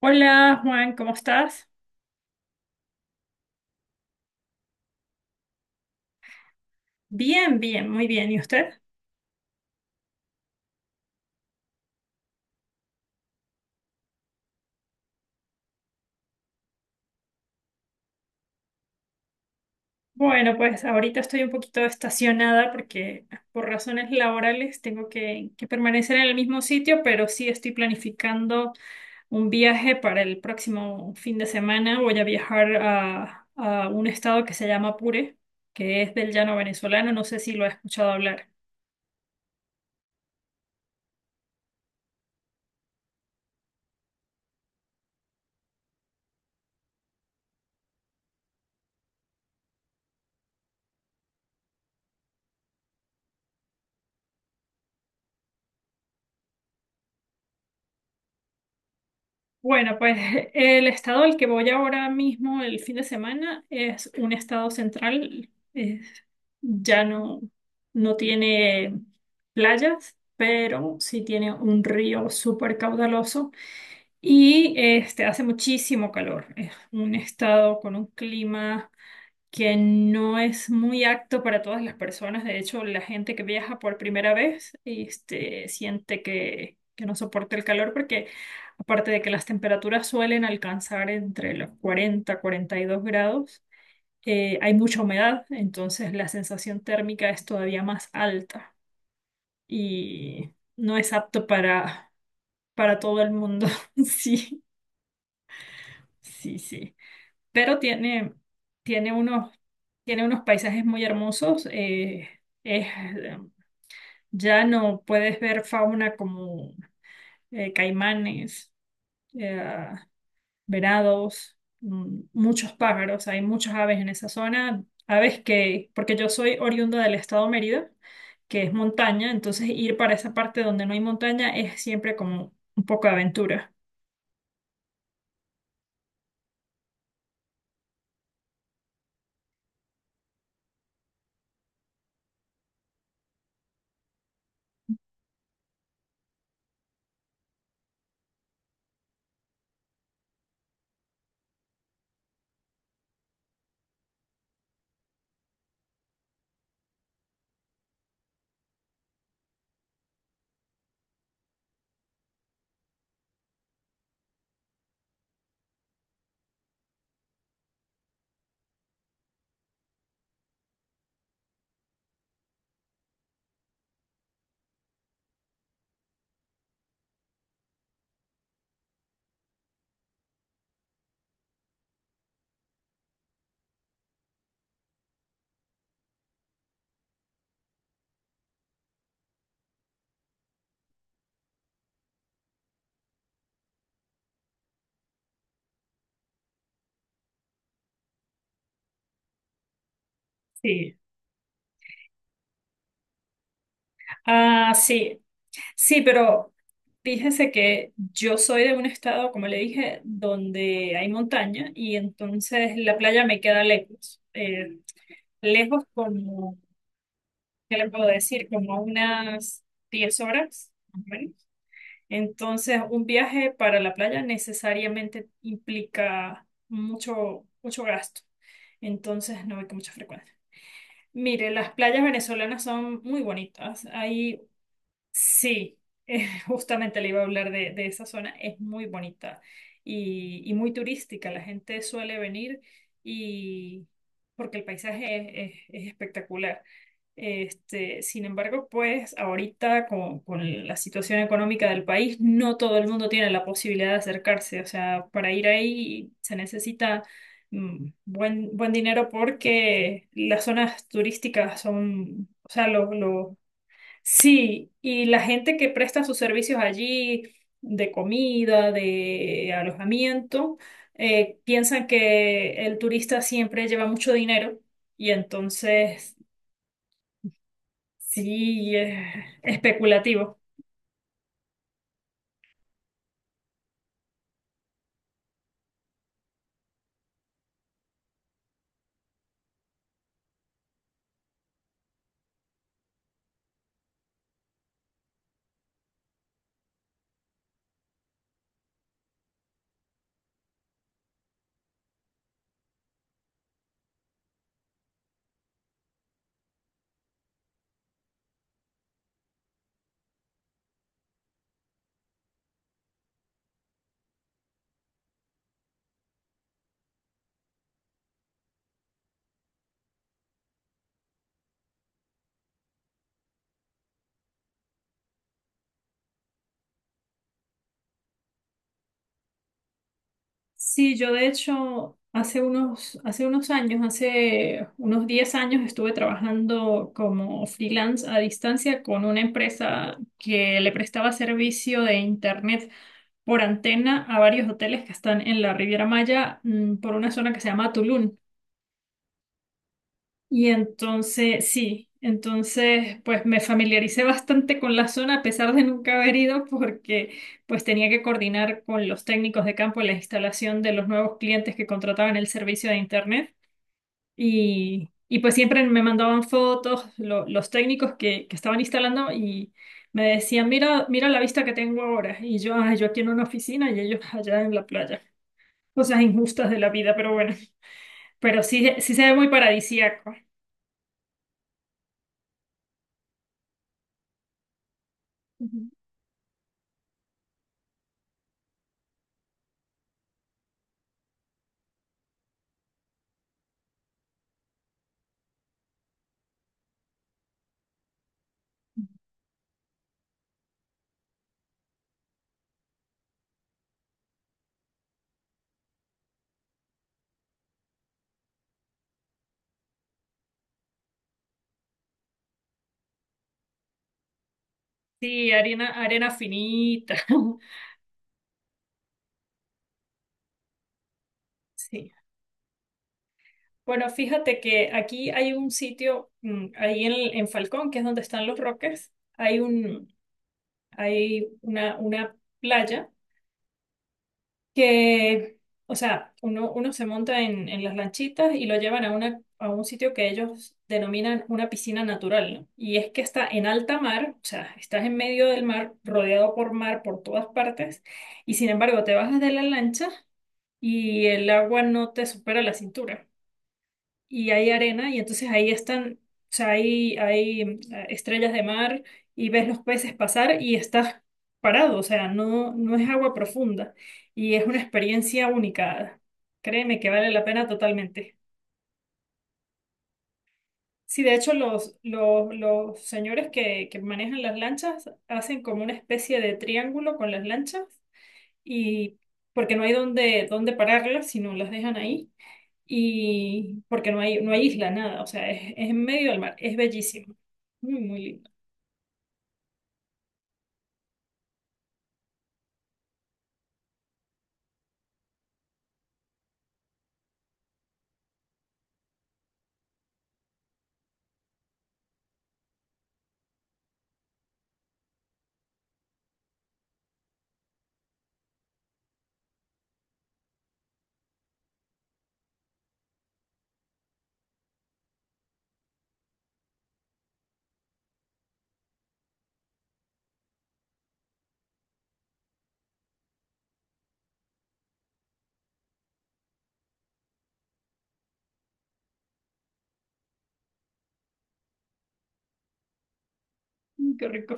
Hola Juan, ¿cómo estás? Bien, bien, muy bien. ¿Y usted? Bueno, pues ahorita estoy un poquito estacionada porque por razones laborales tengo que permanecer en el mismo sitio, pero sí estoy planificando un viaje para el próximo fin de semana. Voy a viajar a un estado que se llama Apure, que es del llano venezolano. No sé si lo has escuchado hablar. Bueno, pues el estado al que voy ahora mismo el fin de semana es un estado central. Es ya no, no tiene playas, pero sí tiene un río súper caudaloso y hace muchísimo calor. Es un estado con un clima que no es muy apto para todas las personas. De hecho, la gente que viaja por primera vez, siente que no soporta el calor porque aparte de que las temperaturas suelen alcanzar entre los 40-42 grados, hay mucha humedad, entonces la sensación térmica es todavía más alta y no es apto para todo el mundo. Sí, sí, sí. Pero tiene unos paisajes muy hermosos. Es, eh, ya no puedes ver fauna como caimanes, eh, venados, muchos pájaros. Hay muchas aves en esa zona. Porque yo soy oriunda del estado Mérida, que es montaña, entonces ir para esa parte donde no hay montaña es siempre como un poco de aventura. Sí, ah, sí, sí, pero fíjese que yo soy de un estado, como le dije, donde hay montaña y entonces la playa me queda lejos. Lejos como, ¿qué le puedo decir? Como unas 10 horas, más o menos. Entonces, un viaje para la playa necesariamente implica mucho, mucho gasto. Entonces, no voy con mucha frecuencia. Mire, las playas venezolanas son muy bonitas. Hay Sí, justamente le iba a hablar de esa zona. Es muy bonita y muy turística. La gente suele venir y porque el paisaje es espectacular. Sin embargo, pues ahorita con la situación económica del país, no todo el mundo tiene la posibilidad de acercarse. O sea, para ir ahí se necesita buen dinero porque las zonas turísticas son, o sea, los Sí, y la gente que presta sus servicios allí, de comida, de alojamiento, piensan que el turista siempre lleva mucho dinero y entonces sí es especulativo. Sí, yo de hecho hace unos 10 años estuve trabajando como freelance a distancia con una empresa que le prestaba servicio de internet por antena a varios hoteles que están en la Riviera Maya, por una zona que se llama Tulum. Y entonces, sí, entonces pues me familiaricé bastante con la zona a pesar de nunca haber ido porque pues tenía que coordinar con los técnicos de campo la instalación de los nuevos clientes que contrataban el servicio de internet y pues siempre me mandaban fotos los técnicos que estaban instalando y me decían, "Mira, mira la vista que tengo ahora", y yo, "Ay, yo aquí en una oficina y ellos allá en la playa. Cosas injustas de la vida". Pero bueno, pero sí, sí se ve muy paradisíaco. Sí, arena, arena finita. Sí. Bueno, fíjate que aquí hay un sitio, ahí en Falcón, que es donde están los Roques. hay un, Hay una playa que, o sea, uno se monta en las lanchitas y lo llevan a un sitio que ellos denominan una piscina natural, ¿no? Y es que está en alta mar, o sea, estás en medio del mar, rodeado por mar por todas partes, y sin embargo te bajas de la lancha y el agua no te supera la cintura y hay arena y entonces ahí están, o sea, hay estrellas de mar y ves los peces pasar y estás parado, o sea, no es agua profunda y es una experiencia única. Créeme que vale la pena totalmente. Sí, de hecho los señores que manejan las lanchas hacen como una especie de triángulo con las lanchas, y porque no hay donde pararlas, sino las dejan ahí, y porque no hay isla, nada. O sea, es en medio del mar, es bellísimo, muy, muy lindo. Mm, qué rico.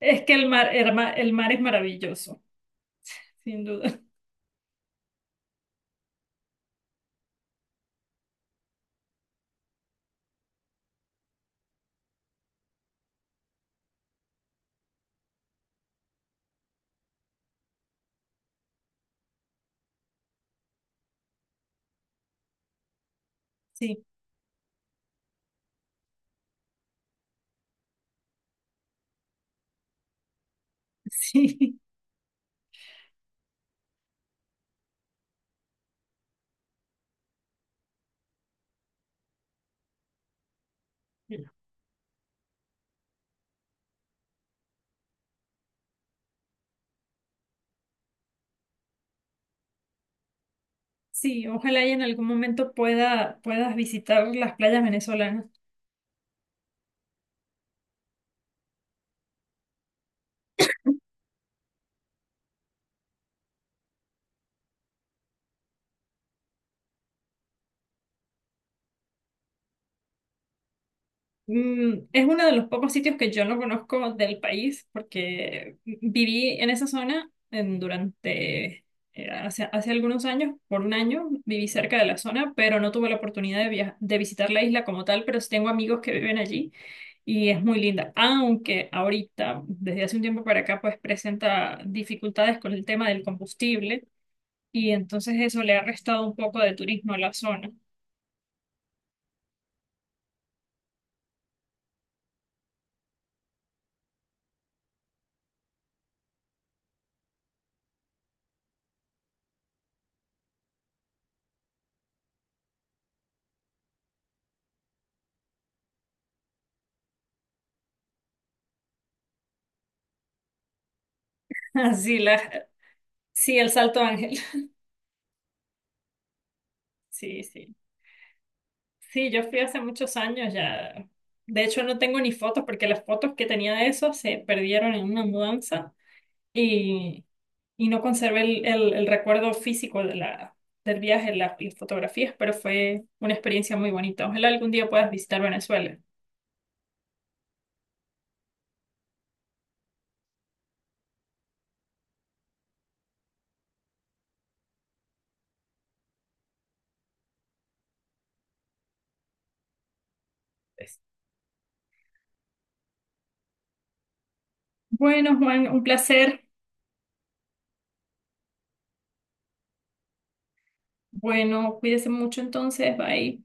Es que el mar, el mar, el mar es maravilloso, sin duda. Sí, sí, sí, ojalá y en algún momento puedas visitar las playas venezolanas. Es uno de los pocos sitios que yo no conozco del país, porque viví en esa zona durante, hace algunos años, por un año, viví cerca de la zona, pero no tuve la oportunidad de visitar la isla como tal, pero sí tengo amigos que viven allí y es muy linda, aunque ahorita, desde hace un tiempo para acá, pues presenta dificultades con el tema del combustible y entonces eso le ha restado un poco de turismo a la zona. Así la, sí, el Salto Ángel. Sí, sí. Sí, yo fui hace muchos años ya. De hecho, no tengo ni fotos, porque las fotos que tenía de eso se perdieron en una mudanza y, y no conservé el recuerdo físico del viaje, las fotografías, pero fue una experiencia muy bonita. Ojalá algún día puedas visitar Venezuela. Pues, Bueno, Juan, un placer. Bueno, cuídese mucho entonces. Bye.